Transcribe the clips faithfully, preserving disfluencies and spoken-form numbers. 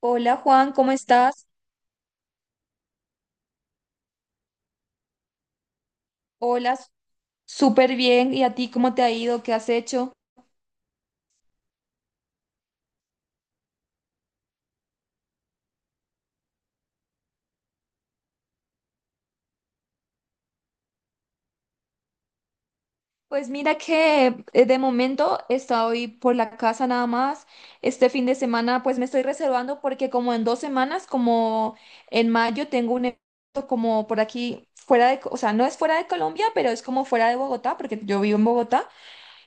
Hola Juan, ¿cómo estás? Hola, s- súper bien. ¿Y a ti cómo te ha ido? ¿Qué has hecho? Pues mira que eh, de momento estoy por la casa nada más. Este fin de semana pues me estoy reservando porque como en dos semanas, como en mayo, tengo un evento como por aquí fuera de, Co- o sea, no es fuera de Colombia, pero es como fuera de Bogotá, porque yo vivo en Bogotá.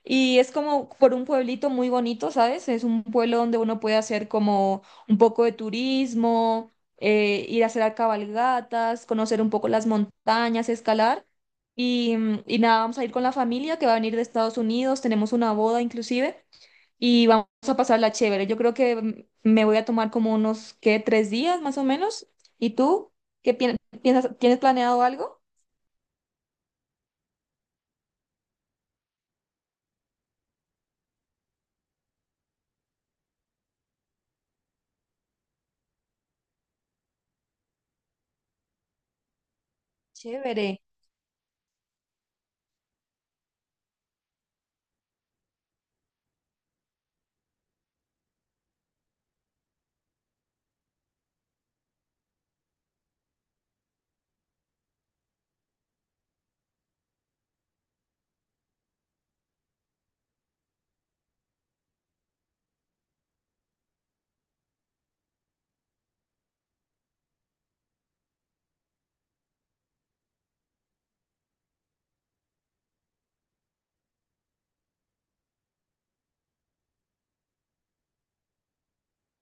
Y es como por un pueblito muy bonito, ¿sabes? Es un pueblo donde uno puede hacer como un poco de turismo, eh, ir a hacer a cabalgatas, conocer un poco las montañas, escalar. Y, mm, y nada, vamos a ir con la familia que va a venir de Estados Unidos, tenemos una boda inclusive, y vamos a pasarla chévere. Yo creo que mm, me voy a tomar como unos, ¿qué? Tres días más o menos. ¿Y tú? ¿Qué pi- ¿piensas? ¿Tienes planeado algo? Chévere.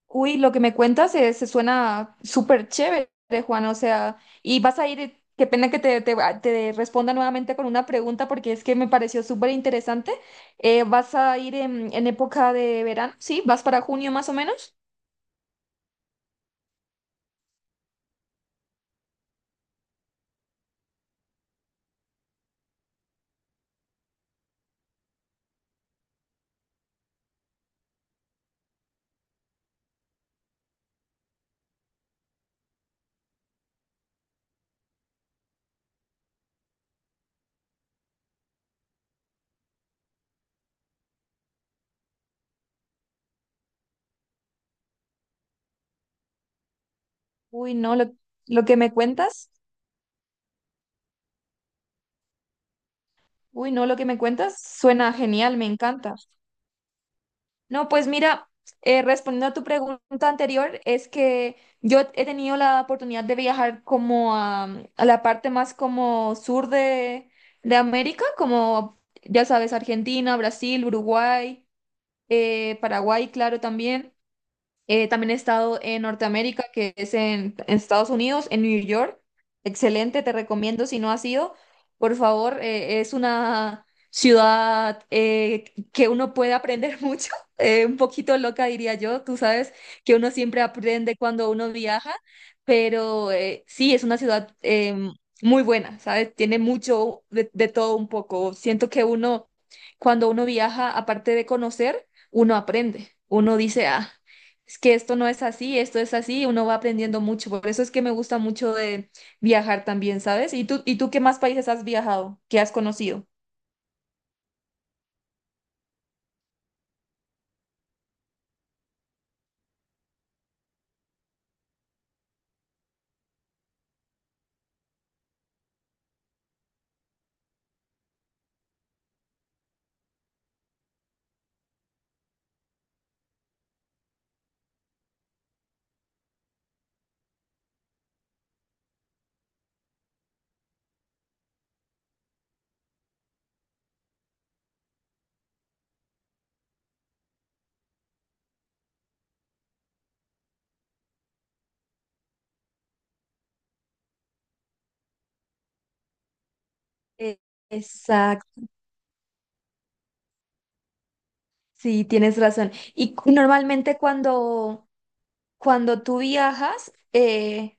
Uy, lo que me cuentas eh, se, suena súper chévere, Juan. O sea, y vas a ir, eh, qué pena que te, te, ah, te responda nuevamente con una pregunta porque es que me pareció súper interesante. Eh, ¿vas a ir en, en época de verano? ¿Sí? ¿Vas para junio más o menos? Uy, no, lo, lo que me cuentas, uy, no, lo que me cuentas suena genial, me encanta. No, pues mira, eh, respondiendo a tu pregunta anterior, es que yo he tenido la oportunidad de viajar como a, a la parte más como sur de, de América, como ya sabes, Argentina, Brasil, Uruguay, eh, Paraguay, claro, también. Eh, también he estado en Norteamérica, que es en, en Estados Unidos, en New York. Excelente, te recomiendo si no has ido, por favor, eh, es una ciudad eh, que uno puede aprender mucho, eh, un poquito loca diría yo, tú sabes que uno siempre aprende cuando uno viaja, pero eh, sí, es una ciudad eh, muy buena, ¿sabes? Tiene mucho de, de todo un poco. Siento que uno, cuando uno viaja, aparte de conocer, uno aprende, uno dice, ah. Es que esto no es así, esto es así, uno va aprendiendo mucho. Por eso es que me gusta mucho de viajar también, ¿sabes? ¿Y tú, y tú qué más países has viajado, qué has conocido? Eh, Exacto, sí, tienes razón. Y cu- normalmente cuando, cuando tú viajas, eh,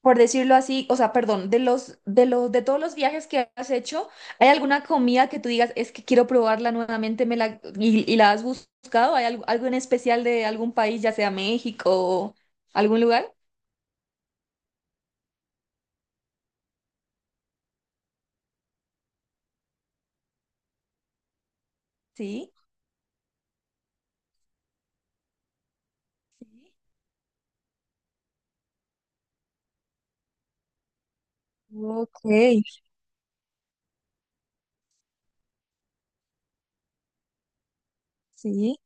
por decirlo así, o sea, perdón, de los, de los, de todos los viajes que has hecho, ¿hay alguna comida que tú digas, es que quiero probarla nuevamente, me la, y, y la has buscado? ¿Hay algo, algo en especial de algún país, ya sea México o algún lugar? Sí. Ok, sí.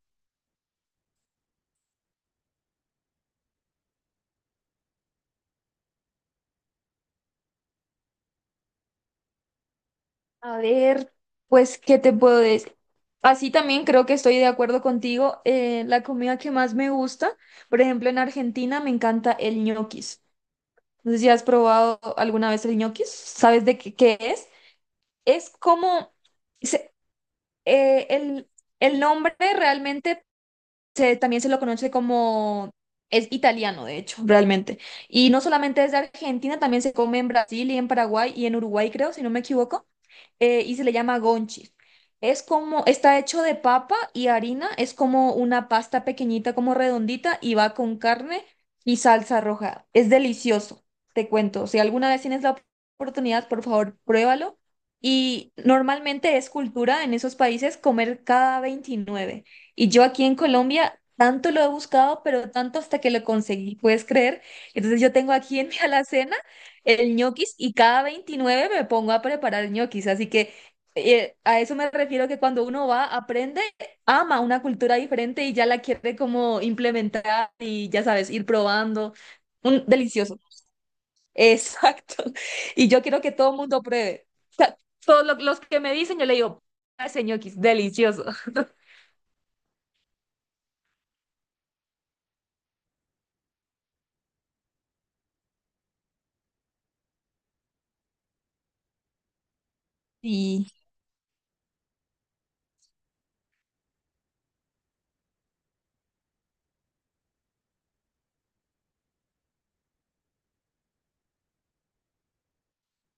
A ver, pues, ¿qué te puedo decir? Así también creo que estoy de acuerdo contigo. Eh, la comida que más me gusta, por ejemplo, en Argentina me encanta el ñoquis. No sé si has probado alguna vez el ñoquis. ¿Sabes de qué, qué es? Es como se- eh, el, el nombre realmente se- también se lo conoce como, es italiano, de hecho, realmente. Y no solamente es de Argentina, también se come en Brasil y en Paraguay y en Uruguay, creo, si no me equivoco eh, y se le llama gonchis. Es como, está hecho de papa y harina, es como una pasta pequeñita, como redondita, y va con carne y salsa roja. Es delicioso, te cuento. Si alguna vez tienes la op- oportunidad, por favor, pruébalo. Y normalmente es cultura en esos países comer cada veintinueve. Y yo aquí en Colombia tanto lo he buscado, pero tanto hasta que lo conseguí, ¿puedes creer? Entonces yo tengo aquí en mi alacena el ñoquis y cada veintinueve me pongo a preparar ñoquis. Así que eh, a eso me refiero que cuando uno va, aprende, ama una cultura diferente y ya la quiere como implementar y ya sabes, ir probando. Un, delicioso. Exacto. Y yo quiero que todo el mundo pruebe. O sea, todos lo- los que me dicen, yo le digo, "Ah, ese ñoquis, delicioso". Sí,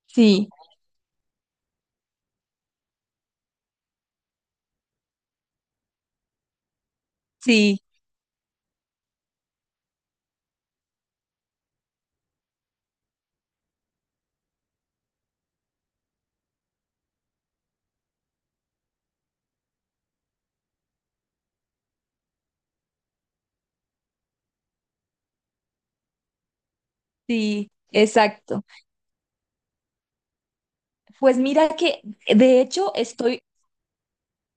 sí, sí, sí, exacto. Pues mira que de hecho estoy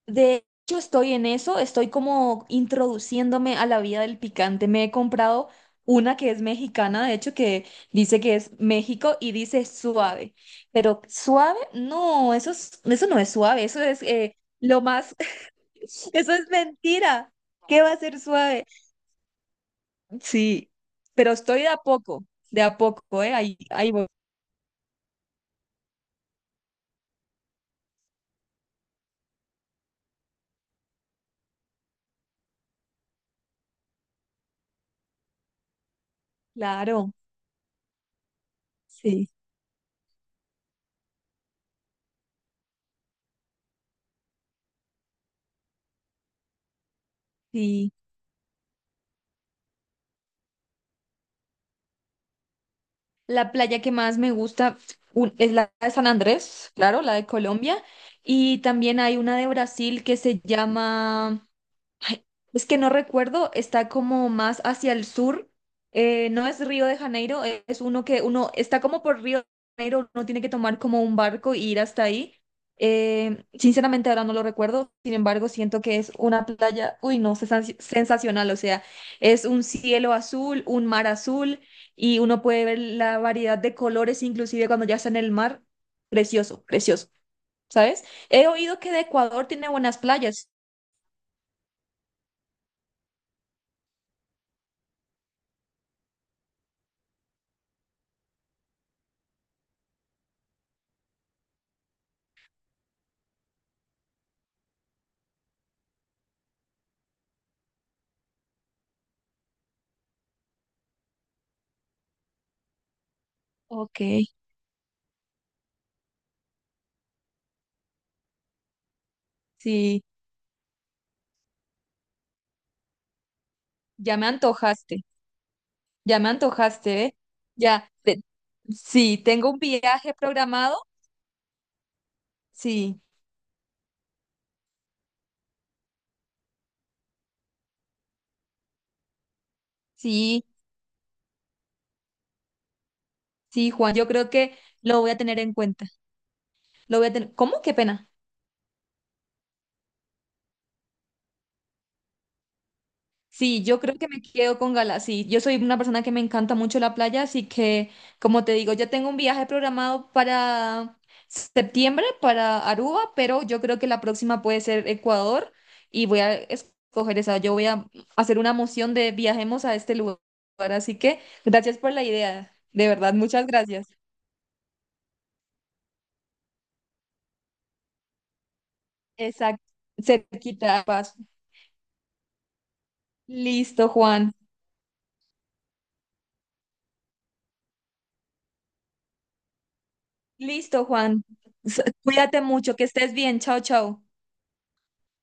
de hecho, estoy en eso, estoy como introduciéndome a la vida del picante. Me he comprado una que es mexicana, de hecho, que dice que es México y dice suave. Pero suave, no, eso es- eso no es suave, eso es eh, lo más, eso es mentira. ¿Qué va a ser suave? Sí, pero estoy de a poco, de a poco, ¿eh? Ahí, ahí voy. Claro, sí, sí. La playa que más me gusta un- es la de San Andrés, claro, la de Colombia. Y también hay una de Brasil que se llama. Ay, es que no recuerdo, está como más hacia el sur. Eh, no es Río de Janeiro, e- es uno que uno está como por Río de Janeiro, uno tiene que tomar como un barco y ir hasta ahí. Eh, sinceramente ahora no lo recuerdo, sin embargo siento que es una playa, uy no, sensa- sensacional, o sea, es un cielo azul, un mar azul y uno puede ver la variedad de colores, inclusive cuando ya está en el mar, precioso, precioso, ¿sabes? He oído que de Ecuador tiene buenas playas. Ok. Sí. Ya me antojaste, ya me antojaste, ¿eh? Ya, te- sí, tengo un viaje programado. Sí, sí, sí, Juan, yo creo que lo voy a tener en cuenta. Lo voy a tener. ¿Cómo? Qué pena. Sí, yo creo que me quedo con Gala. Sí, yo soy una persona que me encanta mucho la playa, así que, como te digo, ya tengo un viaje programado para septiembre, para Aruba, pero yo creo que la próxima puede ser Ecuador y voy a escoger esa. Yo voy a hacer una moción de viajemos a este lugar. Así que, gracias por la idea. De verdad, muchas gracias. Exacto. Cerquita, paso. Listo, Juan. Listo, Juan. S- Cuídate mucho, que estés bien. Chao, chao.